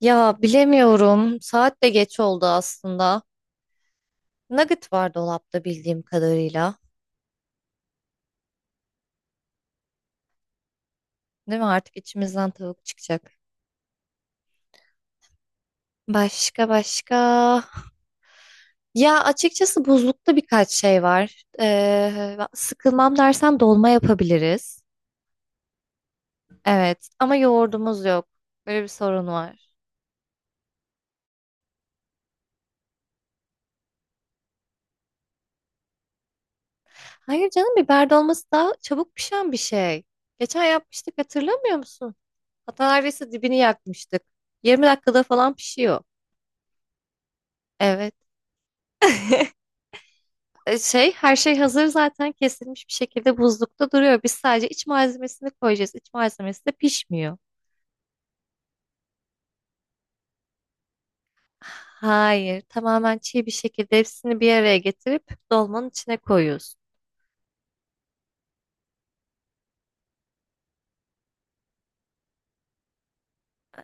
Ya bilemiyorum. Saat de geç oldu aslında. Nugget var dolapta bildiğim kadarıyla. Değil mi? Artık içimizden tavuk çıkacak. Başka başka. Ya açıkçası buzlukta birkaç şey var. Sıkılmam dersen dolma yapabiliriz. Evet ama yoğurdumuz yok. Böyle bir sorun var. Hayır canım biber dolması daha çabuk pişen bir şey. Geçen yapmıştık hatırlamıyor musun? Hatta neredeyse dibini yakmıştık. 20 dakikada falan pişiyor. Evet. Her şey hazır zaten kesilmiş bir şekilde buzlukta duruyor. Biz sadece iç malzemesini koyacağız. İç malzemesi de pişmiyor. Hayır, tamamen çiğ bir şekilde hepsini bir araya getirip dolmanın içine koyuyorsun.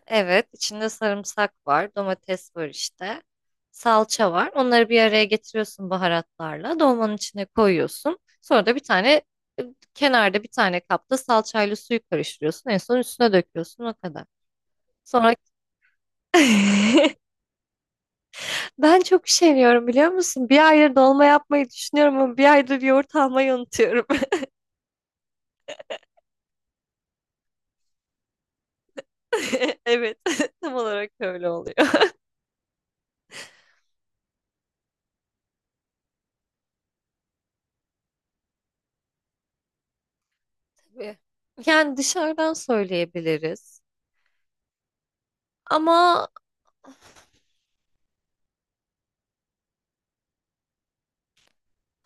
Evet, içinde sarımsak var, domates var işte, salça var. Onları bir araya getiriyorsun baharatlarla, dolmanın içine koyuyorsun. Sonra da bir tane e, kenarda bir tane kapta salçayla suyu karıştırıyorsun. En son üstüne döküyorsun o kadar. Sonra ben çok üşeniyorum biliyor musun? Bir aydır dolma yapmayı düşünüyorum ama bir aydır yoğurt almayı unutuyorum. Evet, tam olarak öyle oluyor. Tabii. Yani dışarıdan söyleyebiliriz. Ama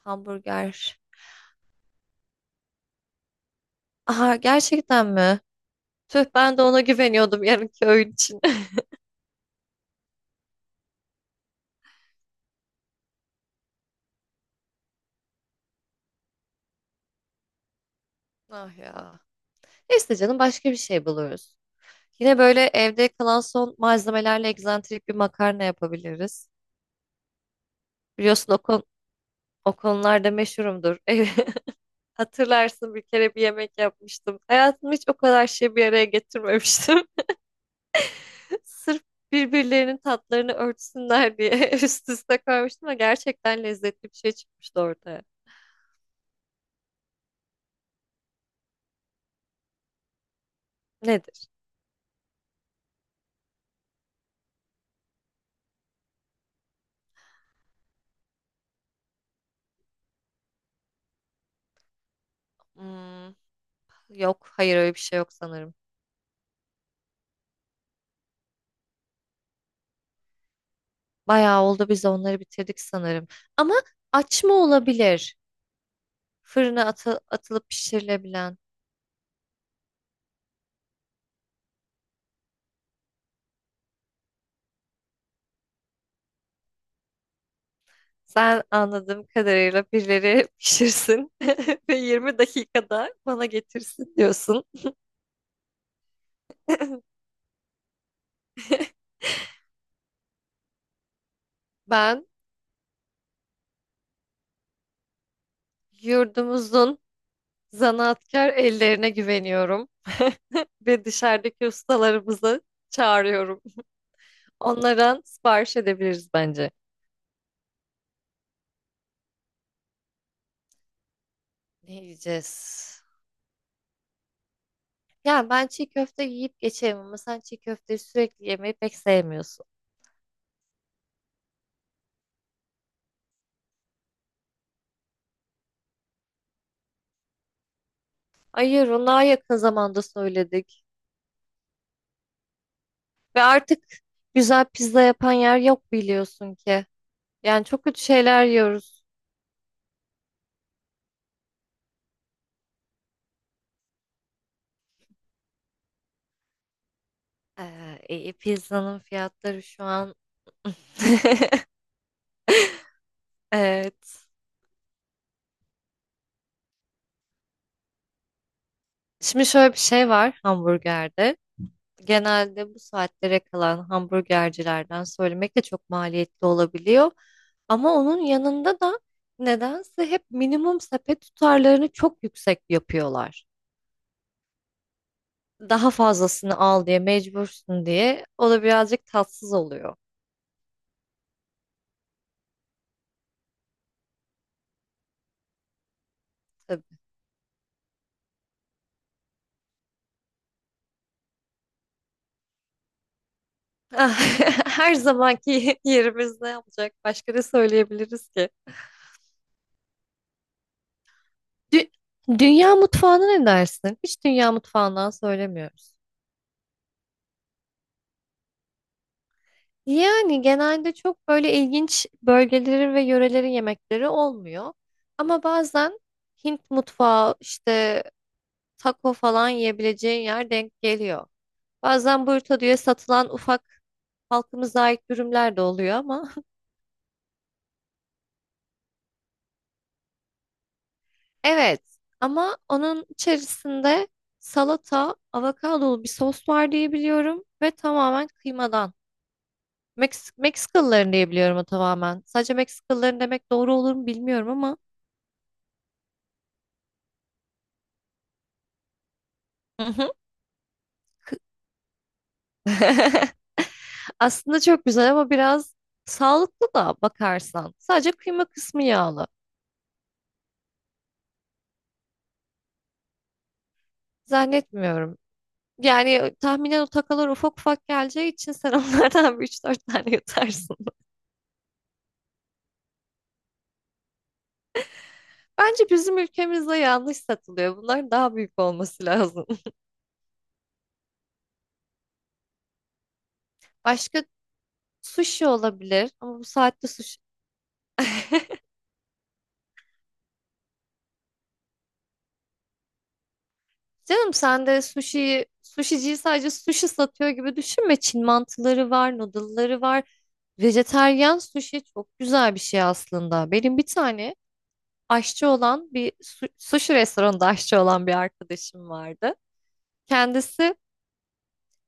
hamburger. Aha gerçekten mi? Tüh ben de ona güveniyordum yarınki öğün için. Ah ya. Neyse canım başka bir şey buluruz. Yine böyle evde kalan son malzemelerle egzantrik bir makarna yapabiliriz. Biliyorsun o, o konularda meşhurumdur. Hatırlarsın bir kere bir yemek yapmıştım. Hayatımda hiç o kadar şey bir araya getirmemiştim. Sırf birbirlerinin tatlarını örtsünler diye üst üste koymuştum ve gerçekten lezzetli bir şey çıkmıştı ortaya. Nedir? Hmm, Yok, hayır öyle bir şey yok sanırım. Bayağı oldu biz de onları bitirdik sanırım. Ama açma olabilir. Fırına atılıp pişirilebilen. Sen anladığım kadarıyla birileri pişirsin ve 20 dakikada bana getirsin diyorsun. Ben yurdumuzun zanaatkar ellerine güveniyorum ve dışarıdaki ustalarımızı çağırıyorum. Onlardan sipariş edebiliriz bence. Ne yiyeceğiz? Ya ben çiğ köfte yiyip geçeyim ama sen çiğ köfteyi sürekli yemeyi pek sevmiyorsun. Hayır, ona yakın zamanda söyledik. Ve artık güzel pizza yapan yer yok biliyorsun ki. Yani çok kötü şeyler yiyoruz. İyi, pizzanın fiyatları şu an evet. Şimdi şöyle bir şey var hamburgerde. Genelde bu saatlere kalan hamburgercilerden söylemek de çok maliyetli olabiliyor. Ama onun yanında da nedense hep minimum sepet tutarlarını çok yüksek yapıyorlar. Daha fazlasını al diye mecbursun diye o da birazcık tatsız oluyor. Tabii. Ah, her zamanki yerimiz ne yapacak? Başka ne söyleyebiliriz ki? Dü- Dünya mutfağına ne dersin? Hiç dünya mutfağından söylemiyoruz. Yani genelde çok böyle ilginç bölgelerin ve yörelerin yemekleri olmuyor. Ama bazen Hint mutfağı işte taco falan yiyebileceğin yer denk geliyor. Bazen burrito diye satılan ufak halkımıza ait dürümler de oluyor ama. Evet ama onun içerisinde salata, avokadolu bir sos var diye biliyorum ve tamamen kıymadan. Meksikalıların diye biliyorum o tamamen. Sadece Meksikalıların demek doğru olur mu bilmiyorum ama. Hı hı. Aslında çok güzel ama biraz sağlıklı da bakarsan. Sadece kıyma kısmı yağlı. Zannetmiyorum. Yani tahminen o takalar ufak ufak geleceği için sen onlardan bir üç dört tane yutarsın. Bence bizim ülkemizde yanlış satılıyor. Bunlar daha büyük olması lazım. Başka sushi olabilir ama bu saatte sushi. Canım sen de sushi'yi, sushiciyi sadece sushi satıyor gibi düşünme. Çin mantıları var, noodle'ları var. Vejeteryan sushi çok güzel bir şey aslında. Benim bir tane aşçı olan bir sushi restoranında aşçı olan bir arkadaşım vardı. Kendisi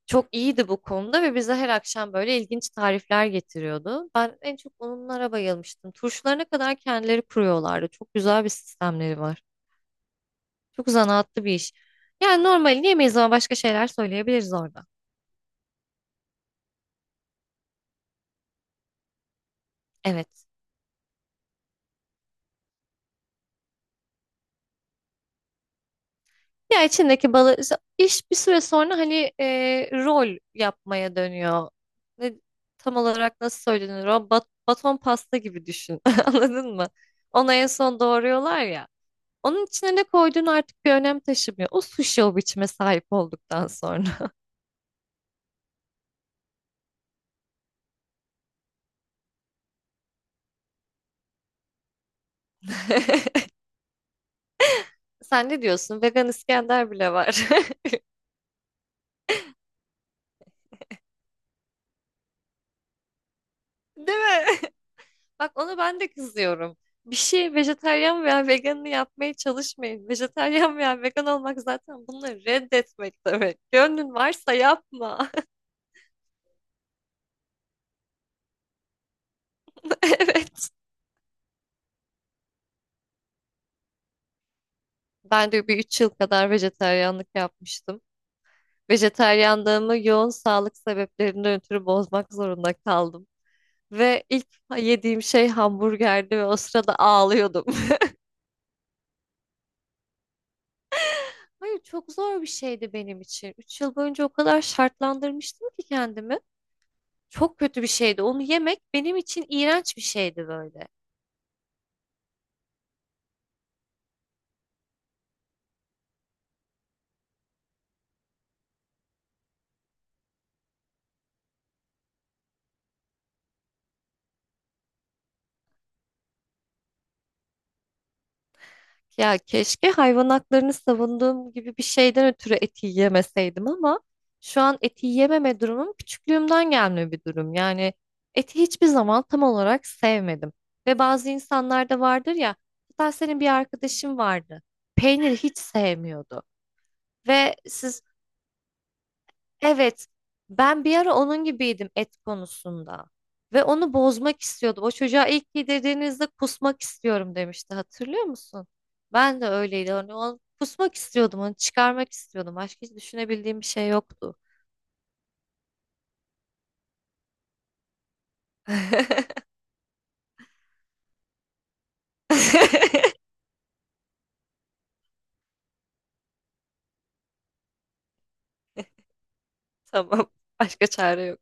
çok iyiydi bu konuda ve bize her akşam böyle ilginç tarifler getiriyordu. Ben en çok onlara bayılmıştım. Turşularına kadar kendileri kuruyorlardı. Çok güzel bir sistemleri var. Çok zanaatlı bir iş. Yani normalini yemeyiz ama başka şeyler söyleyebiliriz orada. Evet. Ya içindeki balı iş bir süre sonra hani rol yapmaya dönüyor. Ne, tam olarak nasıl söylenir o? Baton pasta gibi düşün. Anladın mı? Ona en son doğruyorlar ya. Onun içine ne koyduğun artık bir önem taşımıyor. O sushi o biçime sahip olduktan sonra. Sen ne diyorsun? Vegan İskender bile var. Değil mi? Bak ona ben de kızıyorum. Bir şey vejetaryen veya veganını yapmaya çalışmayın. Vejetaryen veya vegan olmak zaten bunları reddetmek demek. Gönlün varsa yapma. Evet. Ben de bir 3 yıl kadar vejetaryenlik yapmıştım. Vejetaryenliğimi yoğun sağlık sebeplerinden ötürü bozmak zorunda kaldım. Ve ilk yediğim şey hamburgerdi ve o sırada ağlıyordum. Hayır çok zor bir şeydi benim için. 3 yıl boyunca o kadar şartlandırmıştım ki kendimi. Çok kötü bir şeydi. Onu yemek benim için iğrenç bir şeydi böyle. Ya keşke hayvan haklarını savunduğum gibi bir şeyden ötürü eti yemeseydim ama şu an eti yememe durumum küçüklüğümden gelme bir durum. Yani eti hiçbir zaman tam olarak sevmedim. Ve bazı insanlar da vardır ya, hatta senin bir arkadaşın vardı. Peyniri hiç sevmiyordu. Ve siz evet, ben bir ara onun gibiydim et konusunda. Ve onu bozmak istiyordum. O çocuğa ilk yedirdiğinizde kusmak istiyorum demişti. Hatırlıyor musun? Ben de öyleydi. Hani onu kusmak istiyordum, onu çıkarmak istiyordum. Başka hiç düşünebildiğim bir şey yoktu. Tamam, başka çare yok.